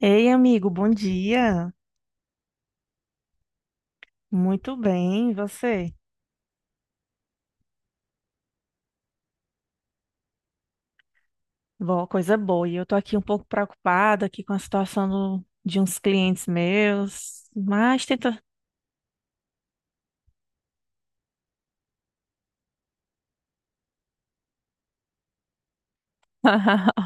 Ei, amigo, bom dia. Muito bem, e você? Boa, coisa boa. E eu tô aqui um pouco preocupada aqui com a situação de uns clientes meus, mas tenta.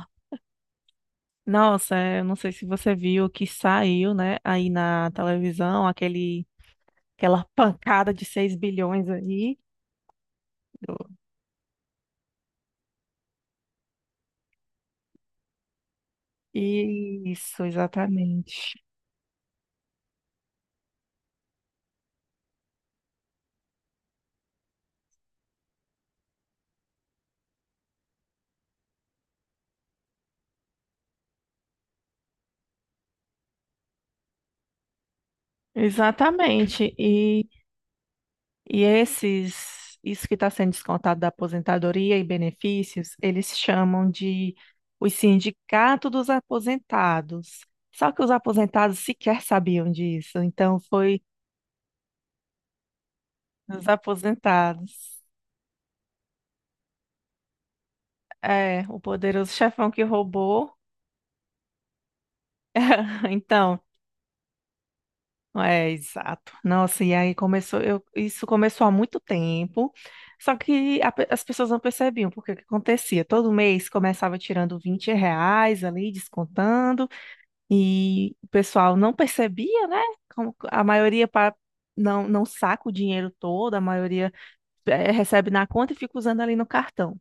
Nossa, eu não sei se você viu que saiu, né, aí na televisão, aquela pancada de seis bilhões aí. Isso, exatamente. Exatamente. E isso que está sendo descontado da aposentadoria e benefícios, eles chamam de o sindicato dos aposentados. Só que os aposentados sequer sabiam disso, então foi os aposentados. É, o poderoso chefão que roubou. Então, é exato. Nossa, e aí começou, isso começou há muito tempo. Só que as pessoas não percebiam porque o que acontecia. Todo mês começava tirando 20 reais ali, descontando. E o pessoal não percebia, né? Como a maioria não, não saca o dinheiro todo, a maioria recebe na conta e fica usando ali no cartão.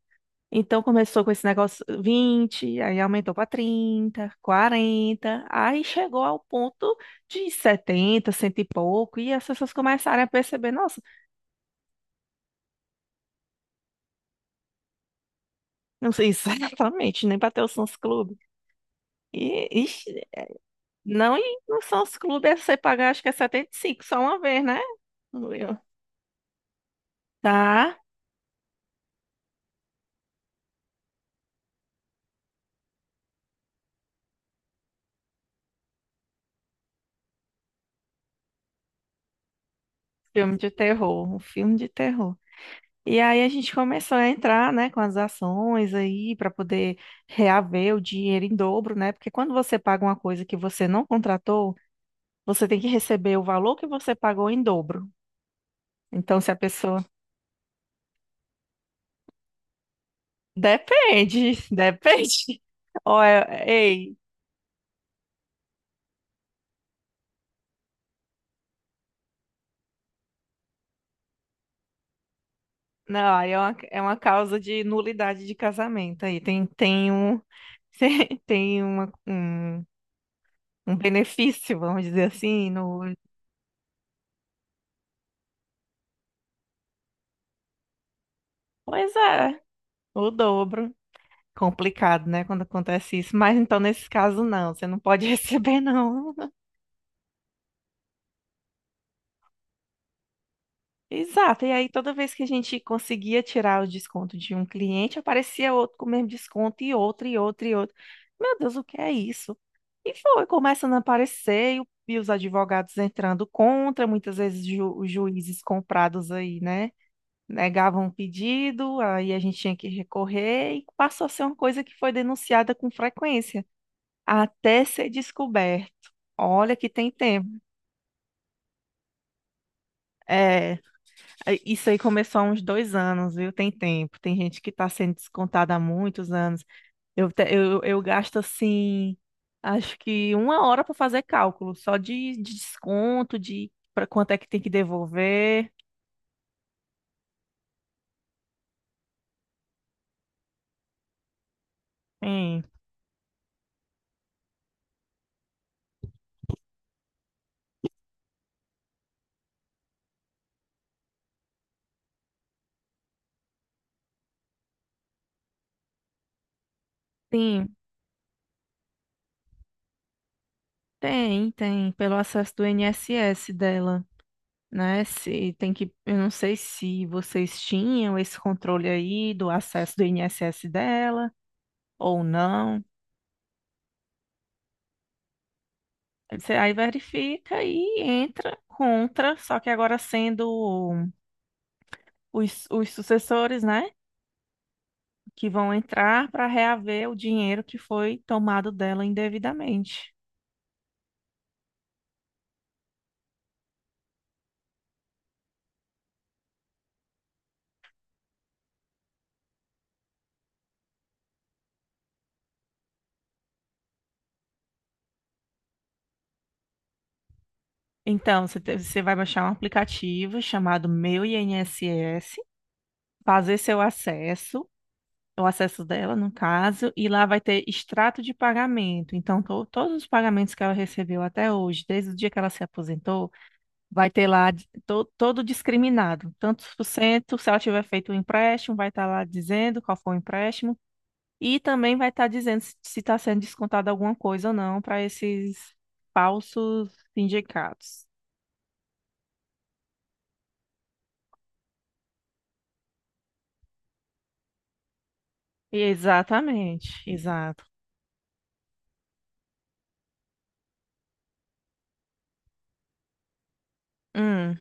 Então começou com esse negócio 20, aí aumentou para 30, 40, aí chegou ao ponto de 70, cento e pouco, e as pessoas começaram a perceber, nossa, não sei exatamente, nem bateu o Sons Clube. E, ixi, não, e no Sons Clube é você pagar, acho que é 75, só uma vez, né? Eu- Tá. Filme de terror, um filme de terror. E aí a gente começou a entrar, né, com as ações aí para poder reaver o dinheiro em dobro, né? Porque quando você paga uma coisa que você não contratou, você tem que receber o valor que você pagou em dobro. Então, se a pessoa. Depende, depende. Olha, ei, não, aí é uma causa de nulidade de casamento aí. Tem um benefício, vamos dizer assim, no. Pois é. O dobro. Complicado, né? Quando acontece isso. Mas então, nesse caso, não. Você não pode receber, não. Exato. E aí, toda vez que a gente conseguia tirar o desconto de um cliente, aparecia outro com o mesmo desconto, e outro, e outro, e outro. Meu Deus, o que é isso? E foi começando a aparecer, e, e os advogados entrando contra, muitas vezes os juízes comprados aí, né? Negavam o pedido, aí a gente tinha que recorrer, e passou a ser uma coisa que foi denunciada com frequência. Até ser descoberto. Olha que tem tempo. É, isso aí começou há uns dois anos, viu? Tem tempo. Tem gente que está sendo descontada há muitos anos. Eu gasto assim, acho que uma hora para fazer cálculo, só de desconto, de para quanto é que tem que devolver. Tem, tem, tem, pelo acesso do INSS dela. Né, se tem que, eu não sei se vocês tinham esse controle aí do acesso do INSS dela. Ou não. Você aí verifica e entra contra, só que agora sendo os sucessores, né, que vão entrar para reaver o dinheiro que foi tomado dela indevidamente. Então, você vai baixar um aplicativo chamado Meu INSS, fazer seu acesso, o acesso dela, no caso, e lá vai ter extrato de pagamento. Então, todos os pagamentos que ela recebeu até hoje, desde o dia que ela se aposentou, vai ter lá todo discriminado. Tantos por cento, se ela tiver feito o empréstimo, vai estar lá dizendo qual foi o empréstimo. E também vai estar dizendo se está sendo descontada alguma coisa ou não para esses falsos sindicatos. Exatamente, exato. Hum,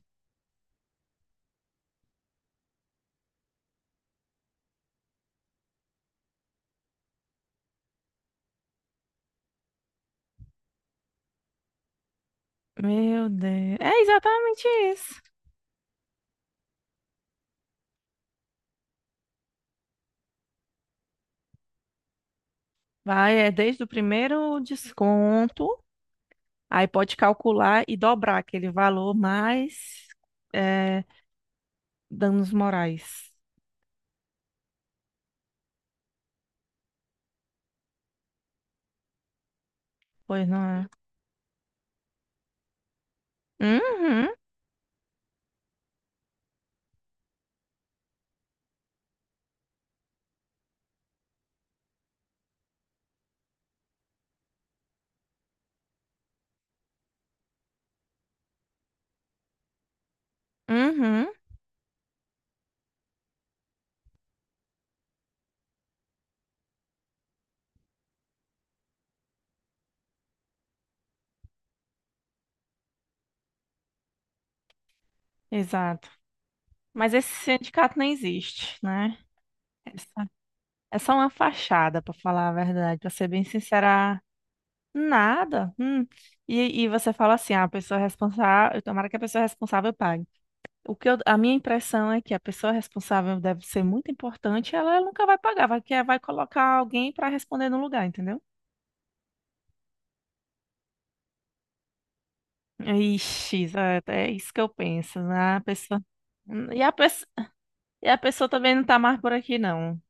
meu Deus. É exatamente isso. Vai, é desde o primeiro desconto, aí pode calcular e dobrar aquele valor mais é, danos morais. Pois não é? Uhum, uhum, exato. Mas esse sindicato nem existe, né? Essa- É só uma fachada, para falar a verdade, para ser bem sincera, nada. Hum. E você fala assim, ah, a pessoa responsável, tomara que a pessoa responsável pague. A minha impressão é que a pessoa responsável deve ser muito importante, ela nunca vai pagar, vai colocar alguém para responder no lugar, entendeu? Ixi, exato, é isso que eu penso, né? A pessoa, e a, pe- E a pessoa também não tá mais por aqui, não.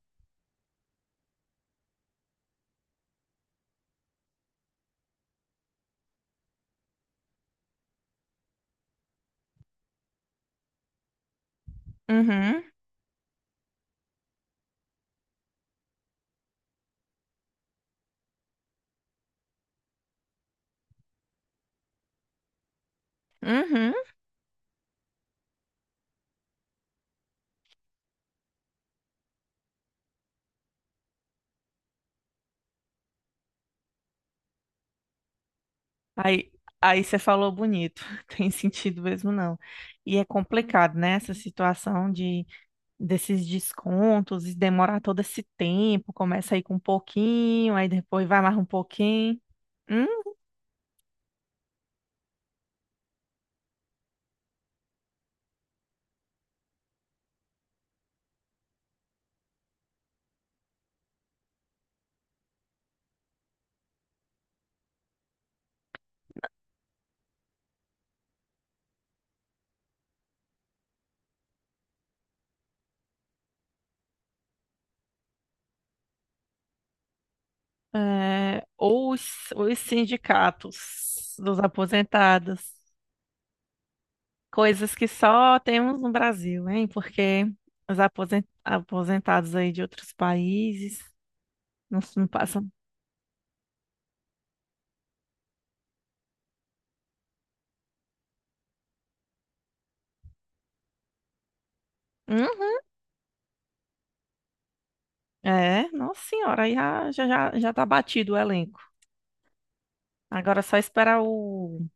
Uhum, uhum. Aí, aí você falou bonito, tem sentido mesmo não. E é complicado, né? Essa situação de desses descontos e demorar todo esse tempo, começa aí com um pouquinho, aí depois vai mais um pouquinho. Hum, é, ou os sindicatos dos aposentados, coisas que só temos no Brasil, hein? Porque aposentados aí de outros países não, não passam. Hum? É, nossa senhora, aí já tá batido o elenco. Agora é só esperar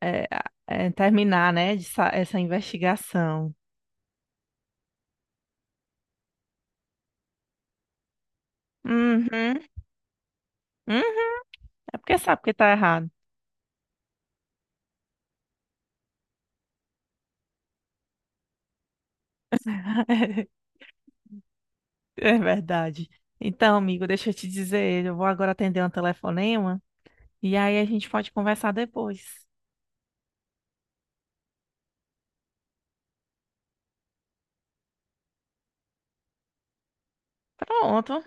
é, terminar, né, de essa investigação. Uhum, uhum, é porque sabe que tá errado. É verdade. Então, amigo, deixa eu te dizer, eu vou agora atender um telefonema e aí a gente pode conversar depois. Pronto,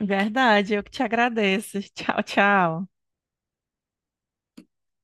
verdade, eu que te agradeço. Tchau, tchau.